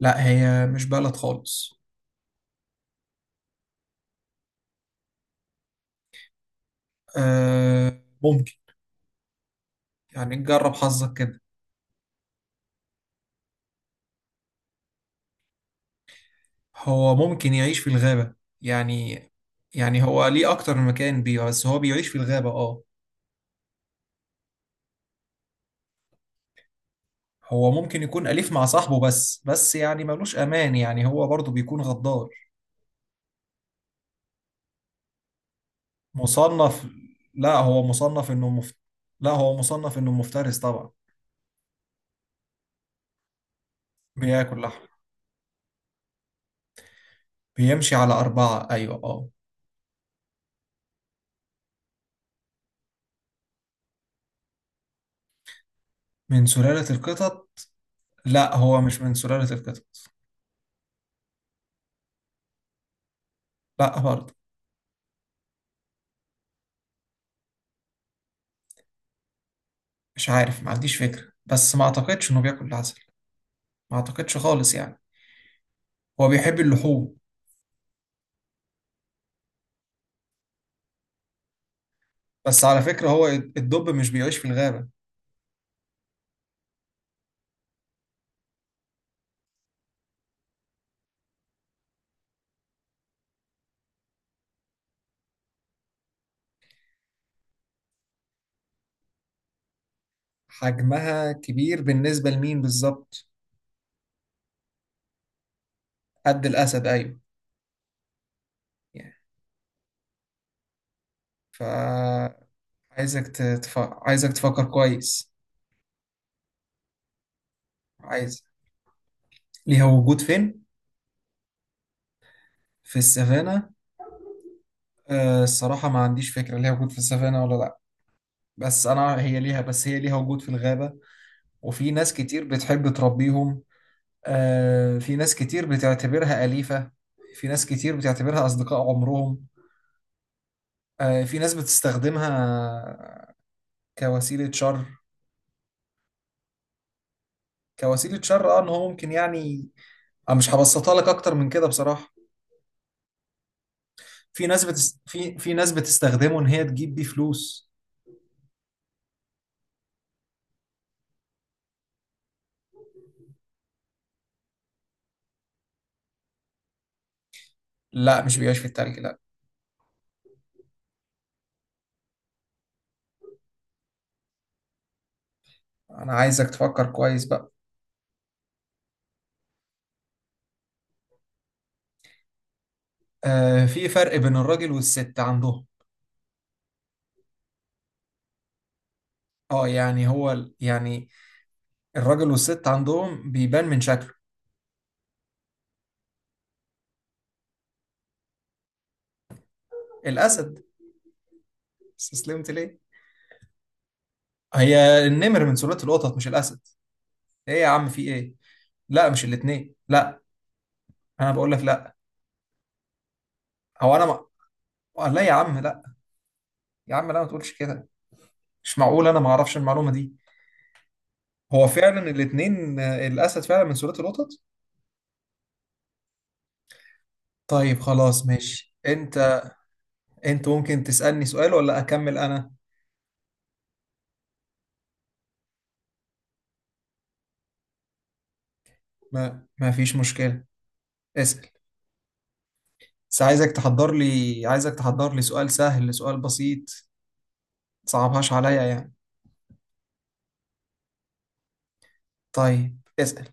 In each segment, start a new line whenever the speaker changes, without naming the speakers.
لا، هي مش بلد خالص. آه ممكن. يعني نجرب حظك كده. هو ممكن يعيش في الغابة. يعني يعني هو ليه أكتر من مكان بيه، بس هو بيعيش في الغابة اه. هو ممكن يكون أليف مع صاحبه، بس يعني ملوش أمان، يعني هو برضه بيكون غدار. مصنف. لا هو مصنف إنه لا هو مصنف إنه مفترس طبعا. بياكل لحم. بيمشي على أربعة أيوة اه. من سلالة القطط. لا هو مش من سلالة القطط. لا برضه. مش عارف، ما عنديش فكرة، بس ما اعتقدش انه بياكل عسل. ما اعتقدش خالص يعني. هو بيحب اللحوم. بس على فكرة هو الدب مش بيعيش في الغابة. حجمها كبير بالنسبة لمين بالظبط؟ قد الأسد أيوه. يعني. فعايزك عايزك تفكر كويس. عايز. ليها وجود فين؟ في السافانا؟ أه الصراحة ما عنديش فكرة ليها وجود في السافانا ولا لأ. بس أنا هي ليها، بس هي ليها وجود في الغابة. وفي ناس كتير بتحب تربيهم. آه، في ناس كتير بتعتبرها أليفة. في ناس كتير بتعتبرها أصدقاء عمرهم. آه، في ناس بتستخدمها كوسيلة شر. كوسيلة شر اه، ان هو ممكن يعني. أنا مش هبسطها لك اكتر من كده بصراحة. في ناس بتستخدمه ان هي تجيب بيه فلوس. لا مش بيعيش في التلج لا. انا عايزك تفكر كويس بقى. آه، في فرق بين الراجل والست عندهم. اه يعني هو يعني الراجل والست عندهم بيبان من شكله. الأسد. استسلمت ليه؟ هي النمر من سلالة القطط مش الأسد. إيه يا عم في إيه؟ لا مش الاتنين لا. أنا بقول لك لا. هو أنا ما... لا يا عم لا. يا عم لا، ما تقولش كده. مش معقول أنا ما أعرفش المعلومة دي. هو فعلا الاتنين. آه، الأسد فعلا من سلالة القطط. طيب خلاص ماشي. أنت. أنت ممكن تسألني سؤال ولا أكمل أنا؟ ما فيش مشكلة. اسأل. بس عايزك تحضر لي، عايزك تحضر لي سؤال سهل، سؤال بسيط. متصعبهاش عليا يعني. طيب اسأل.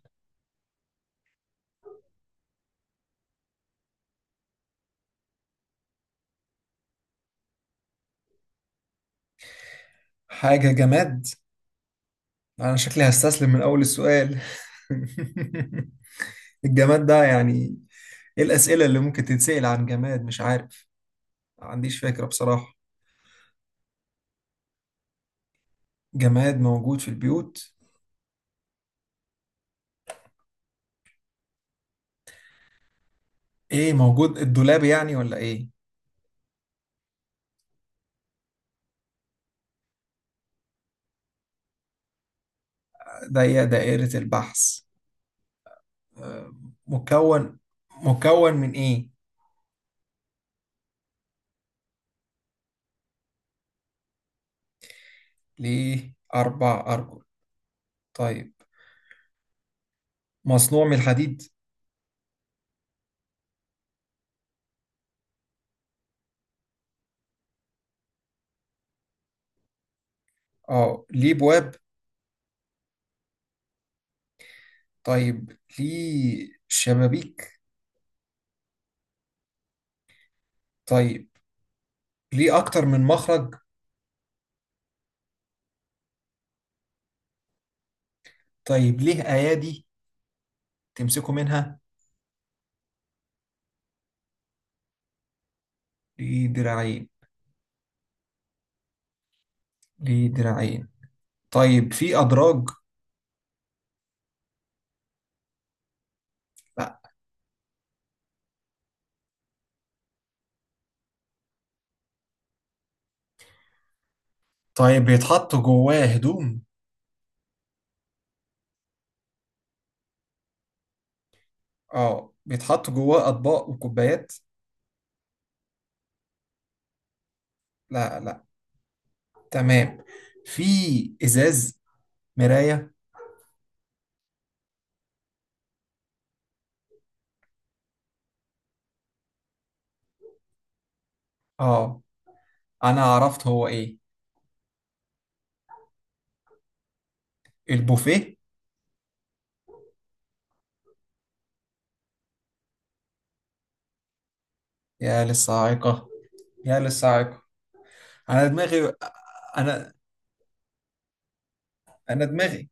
حاجة جماد؟ انا شكلي هستسلم من اول السؤال. الجماد ده يعني. ايه الاسئله اللي ممكن تتسال عن جماد؟ مش عارف. ما عنديش فكره بصراحه. جماد موجود في البيوت. ايه موجود؟ الدولاب يعني ولا ايه؟ ده هي دائره البحث. آه، مكون. مكون من ايه؟ ليه اربع ارجل؟ طيب، مصنوع من الحديد؟ اه ليه بواب؟ طيب ليه شبابيك؟ طيب ليه اكتر من مخرج؟ طيب ليه ايادي تمسكوا منها؟ ليه دراعين؟ ليه دراعين؟ طيب في أدراج؟ لا. طيب بيتحط جواه هدوم؟ اه بيتحط جواه أطباق وكوبايات؟ لا لا. تمام. في إزاز؟ مراية؟ اه، أنا عرفت هو إيه. البوفيه. يا للصاعقة. يا للصاعقة. أنا دماغي. أنا أنا دماغي.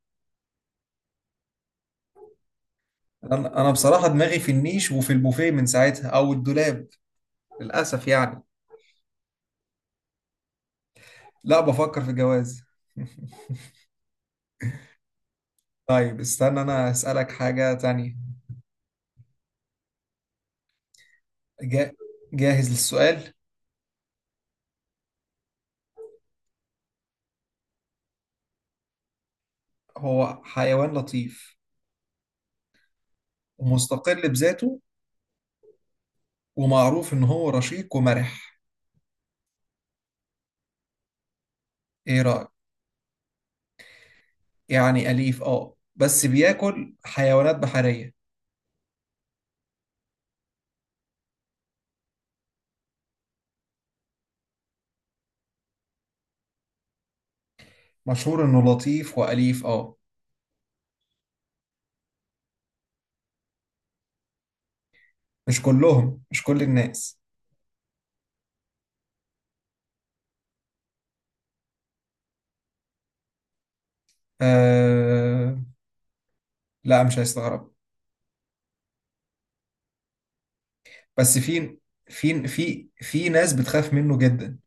أنا أنا بصراحة دماغي في النيش وفي البوفيه من ساعتها، أو الدولاب. للأسف يعني. لا بفكر في جواز. طيب استنى انا اسالك حاجه تانية. جا... جاهز للسؤال. هو حيوان لطيف ومستقل بذاته، ومعروف ان هو رشيق ومرح. ايه رايك؟ يعني اليف اه، بس بياكل حيوانات بحريه. مشهور انه لطيف واليف اه. مش كلهم، مش كل الناس. آه... لا مش هيستغرب. بس في، في ناس بتخاف منه جدا.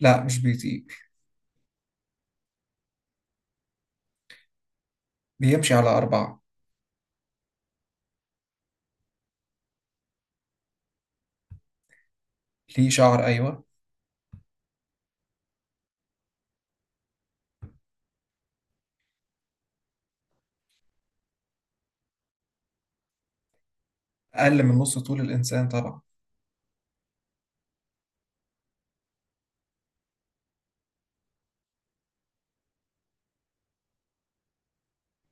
لا مش بيطير. بيمشي على اربعه. ليه شعر ايوه. اقل من نص طول الانسان طبعا.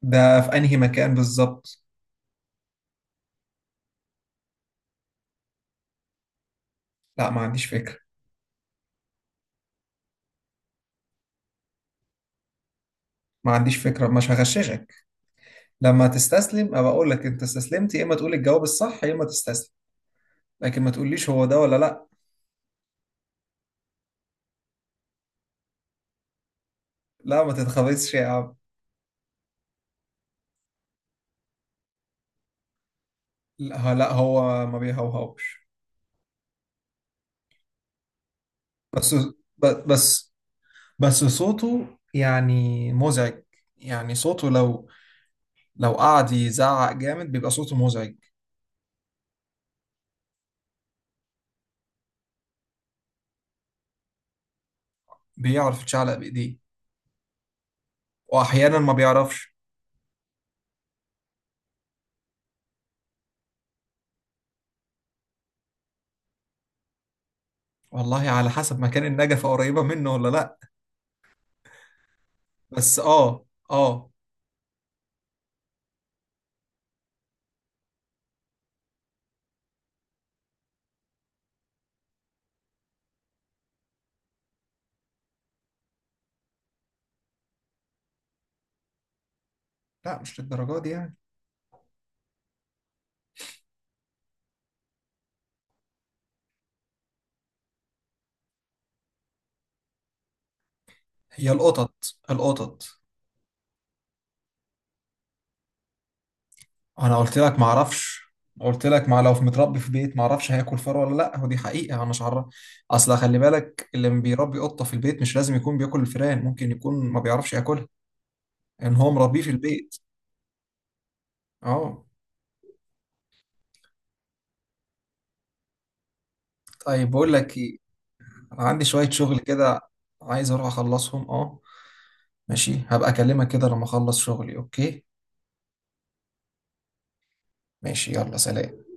ده في انهي مكان بالظبط؟ لا ما عنديش فكرة. ما عنديش فكرة، مش هغششك. لما تستسلم ابقى اقول لك، انت استسلمت، يا اما تقول الجواب الصح يا اما تستسلم. لكن ما تقوليش هو ده ولا لا. لا ما تتخبطش يا عم. لا لا، هو ما بيهوهوش. بس بس. بس صوته يعني مزعج. يعني صوته لو، لو قعد يزعق جامد بيبقى صوته مزعج. بيعرف يتشعلق بايديه، واحيانا ما بيعرفش. والله على حسب مكان النجفة قريبة منه ولا لا. بس اه. اه. لا مش للدرجة دي يعني. هي القطط. القطط. انا قلت لك ما اعرفش. قلت لك، ما لو في متربي في بيت ما اعرفش هياكل فار ولا لا، ودي حقيقة انا مش عارف. اصل خلي بالك اللي بيربي قطة في البيت مش لازم يكون بياكل الفئران، ممكن يكون ما بيعرفش ياكلها. ان هو مربيه في البيت. اه. طيب بقول لك ايه، انا عندي شوية شغل كده. عايز اروح اخلصهم اه. ماشي هبقى اكلمك كده لما اخلص شغلي اوكي. ماشي يلا سلام.